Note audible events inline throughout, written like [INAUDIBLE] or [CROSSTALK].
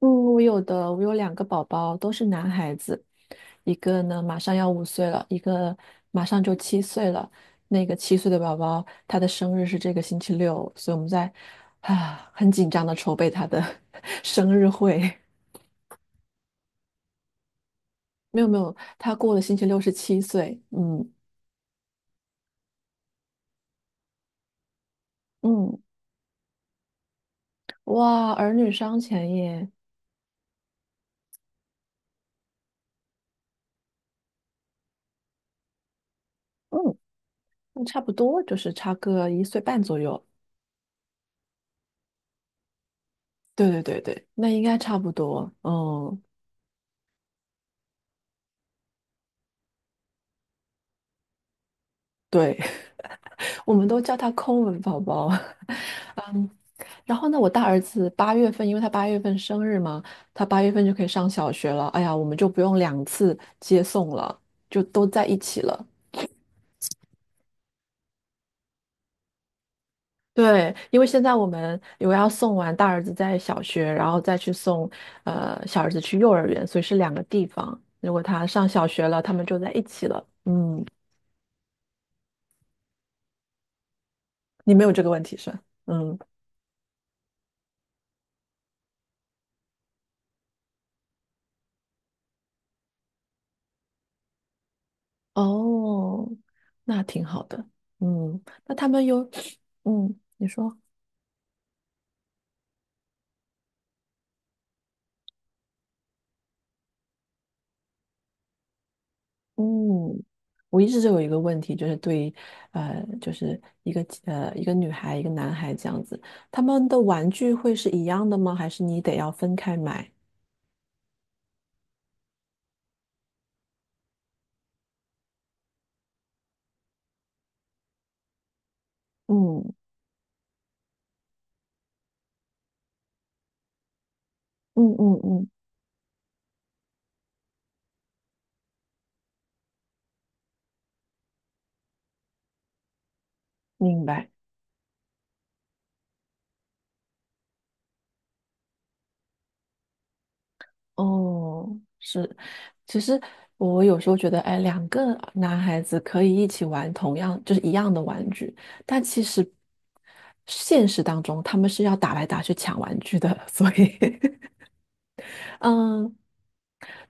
嗯，我有的，我有两个宝宝，都是男孩子，一个呢马上要5岁了，一个马上就七岁了。那个七岁的宝宝，他的生日是这个星期六，所以我们在啊很紧张的筹备他的 [LAUGHS] 生日会。没有没有，他过了星期六是七岁。嗯嗯，哇，儿女双全耶。嗯，那差不多就是差个1岁半左右。对对对对，那应该差不多。嗯，对。我们都叫他抠门宝宝。[LAUGHS] 啊，然后呢，我大儿子八月份，因为他八月份生日嘛，他八月份就可以上小学了。哎呀，我们就不用两次接送了，就都在一起了。对，因为现在我们有要送完大儿子在小学，然后再去送小儿子去幼儿园，所以是两个地方。如果他上小学了，他们就在一起了。嗯，你没有这个问题是吧嗯，哦，那挺好的。嗯，那他们有，[SUCKS TEETH] 嗯，你说。嗯，我一直就有一个问题，就是对于就是一个女孩一个男孩这样子，他们的玩具会是一样的吗？还是你得要分开买？嗯嗯嗯嗯，明白。哦，是，其实我有时候觉得，哎，两个男孩子可以一起玩同样就是一样的玩具，但其实现实当中他们是要打来打去抢玩具的，所以 [LAUGHS] 嗯，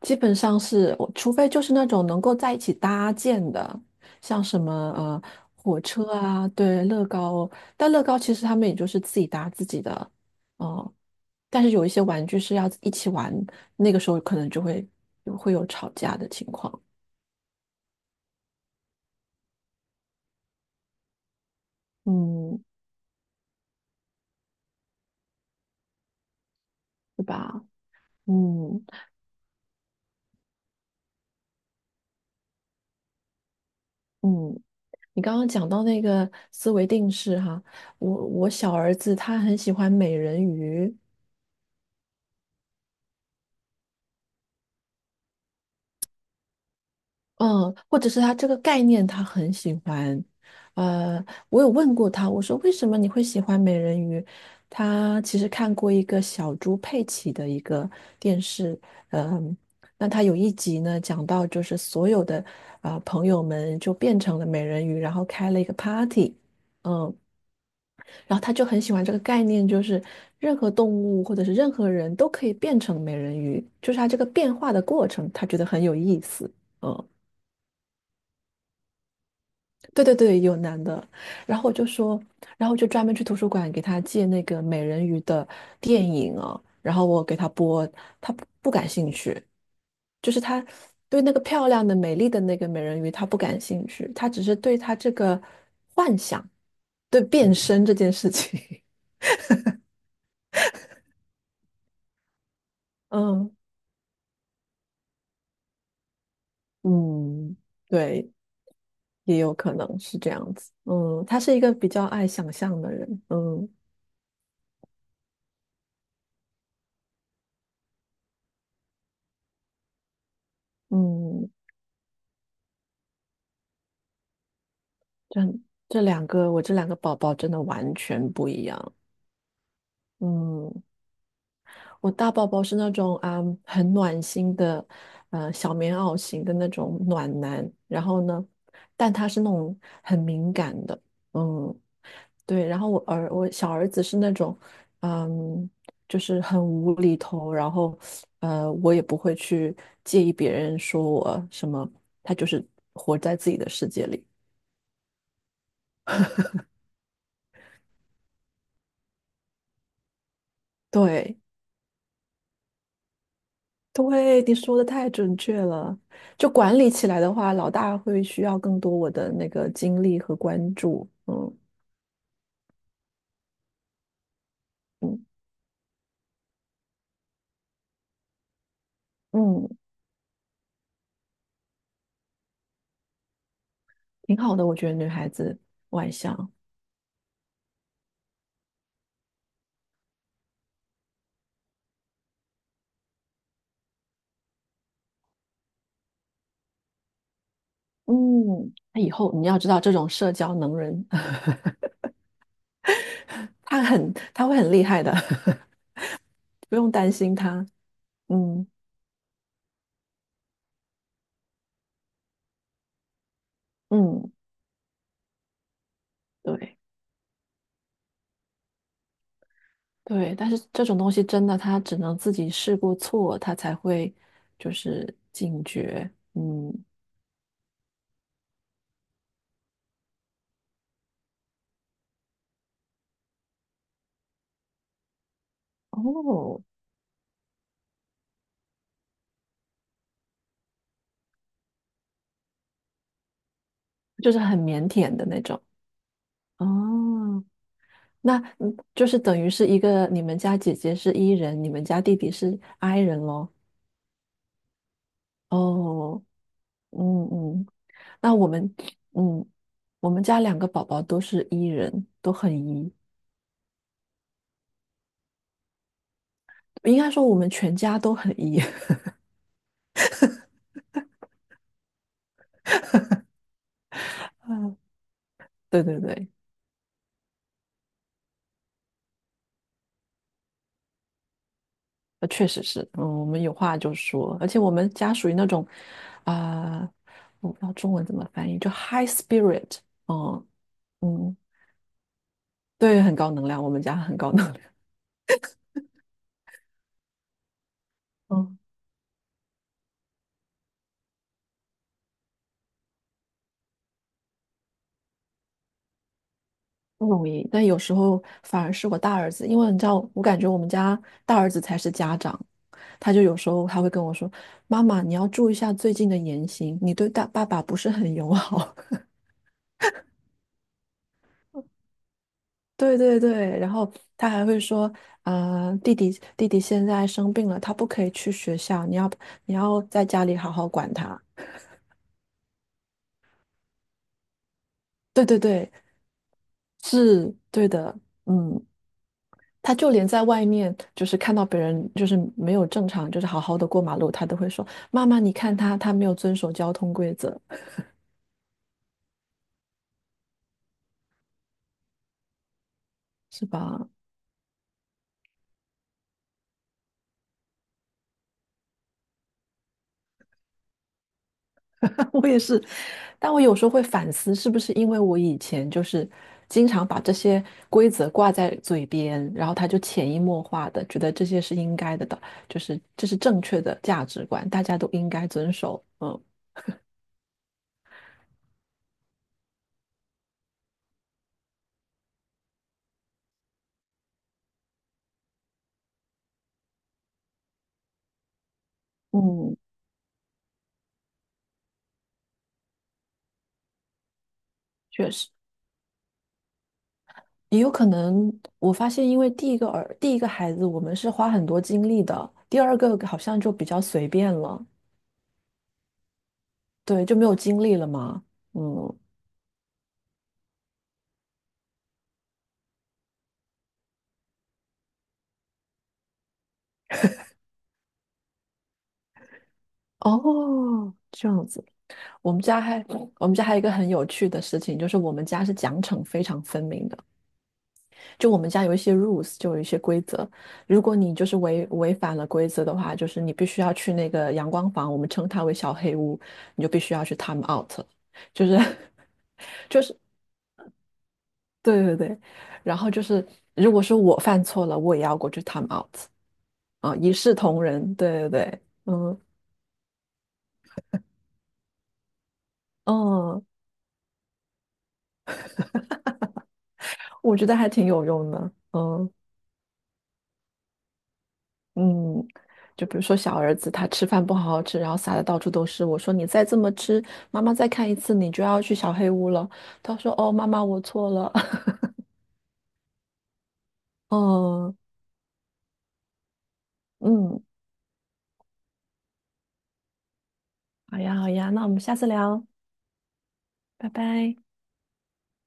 基本上是我，除非就是那种能够在一起搭建的，像什么火车啊，对，乐高，但乐高其实他们也就是自己搭自己的，哦、但是有一些玩具是要一起玩，那个时候可能就会会有吵架的情况，嗯，对吧？嗯嗯，你刚刚讲到那个思维定式哈，我小儿子他很喜欢美人鱼。嗯，或者是他这个概念他很喜欢，呃，我有问过他，我说为什么你会喜欢美人鱼？他其实看过一个小猪佩奇的一个电视，嗯，那他有一集呢讲到就是所有的朋友们就变成了美人鱼，然后开了一个 party，嗯，然后他就很喜欢这个概念，就是任何动物或者是任何人都可以变成美人鱼，就是他这个变化的过程，他觉得很有意思，嗯。对对对，有男的，然后我就说，然后我就专门去图书馆给他借那个美人鱼的电影啊，然后我给他播，他不感兴趣，就是他对那个漂亮的、美丽的那个美人鱼他不感兴趣，他只是对他这个幻想，对变身这件事情，[LAUGHS] 嗯嗯，对，也有可能是这样子，嗯，他是一个比较爱想象的人，嗯嗯。这这两个，我这两个宝宝真的完全不一样。嗯，我大宝宝是那种啊、很暖心的，小棉袄型的那种暖男。然后呢，但他是那种很敏感的，嗯，对。然后我小儿子是那种，嗯，就是很无厘头。然后，我也不会去介意别人说我什么，他就是活在自己的世界里。对，对，你说的太准确了。就管理起来的话，老大会需要更多我的那个精力和关注。嗯嗯嗯，挺好的，我觉得女孩子外向。嗯，那以后你要知道，这种社交能人，[LAUGHS] 他会很厉害的，[LAUGHS] 不用担心他。嗯嗯，对对，但是这种东西真的，他只能自己试过错，他才会就是警觉。嗯，哦，就是很腼腆的那种。哦，那嗯就是等于是一个你们家姐姐是 E 人，你们家弟弟是 I 人咯。哦，嗯嗯，那我们嗯，我们家两个宝宝都是 E 人，都很 E，应该说我们全家都很 E。[LAUGHS] 对对对，确实是，嗯，我们有话就说，而且我们家属于那种啊、我不知道中文怎么翻译，就 high spirit，嗯嗯，对，很高能量，我们家很高能量。嗯。不容易，但有时候反而是我大儿子，因为你知道，我感觉我们家大儿子才是家长，他就有时候他会跟我说：“妈妈，你要注意一下最近的言行，你对大爸爸不是很友好。” [LAUGHS] 对对对，然后他还会说：“啊、弟弟现在生病了，他不可以去学校，你要在家里好好管他。”对对对，是对的，嗯，他就连在外面，就是看到别人就是没有正常，就是好好的过马路，他都会说：“妈妈，你看他，他没有遵守交通规则，是吧？” [LAUGHS] 我也是，但我有时候会反思，是不是因为我以前就是经常把这些规则挂在嘴边，然后他就潜移默化的觉得这些是应该的，就是这是正确的价值观，大家都应该遵守。嗯，嗯，确实。也有可能，我发现，因为第一个孩子，我们是花很多精力的，第二个好像就比较随便了，对，就没有精力了嘛。嗯，哦，这样子。我们家还，我们家还有一个很有趣的事情，就是我们家是奖惩非常分明的，就我们家有一些 rules，就有一些规则。如果你就是违反了规则的话，就是你必须要去那个阳光房，我们称它为小黑屋，你就必须要去 time out，就是。对对对，然后就是，如果是我犯错了，我也要过去 time out 啊，一视同仁。对对对，嗯嗯，我觉得还挺有用的。嗯嗯，就比如说小儿子他吃饭不好好吃，然后撒的到处都是，我说你再这么吃，妈妈再看一次你就要去小黑屋了。他说哦，妈妈我错了。[LAUGHS] 嗯嗯，好呀好呀，那我们下次聊，拜拜。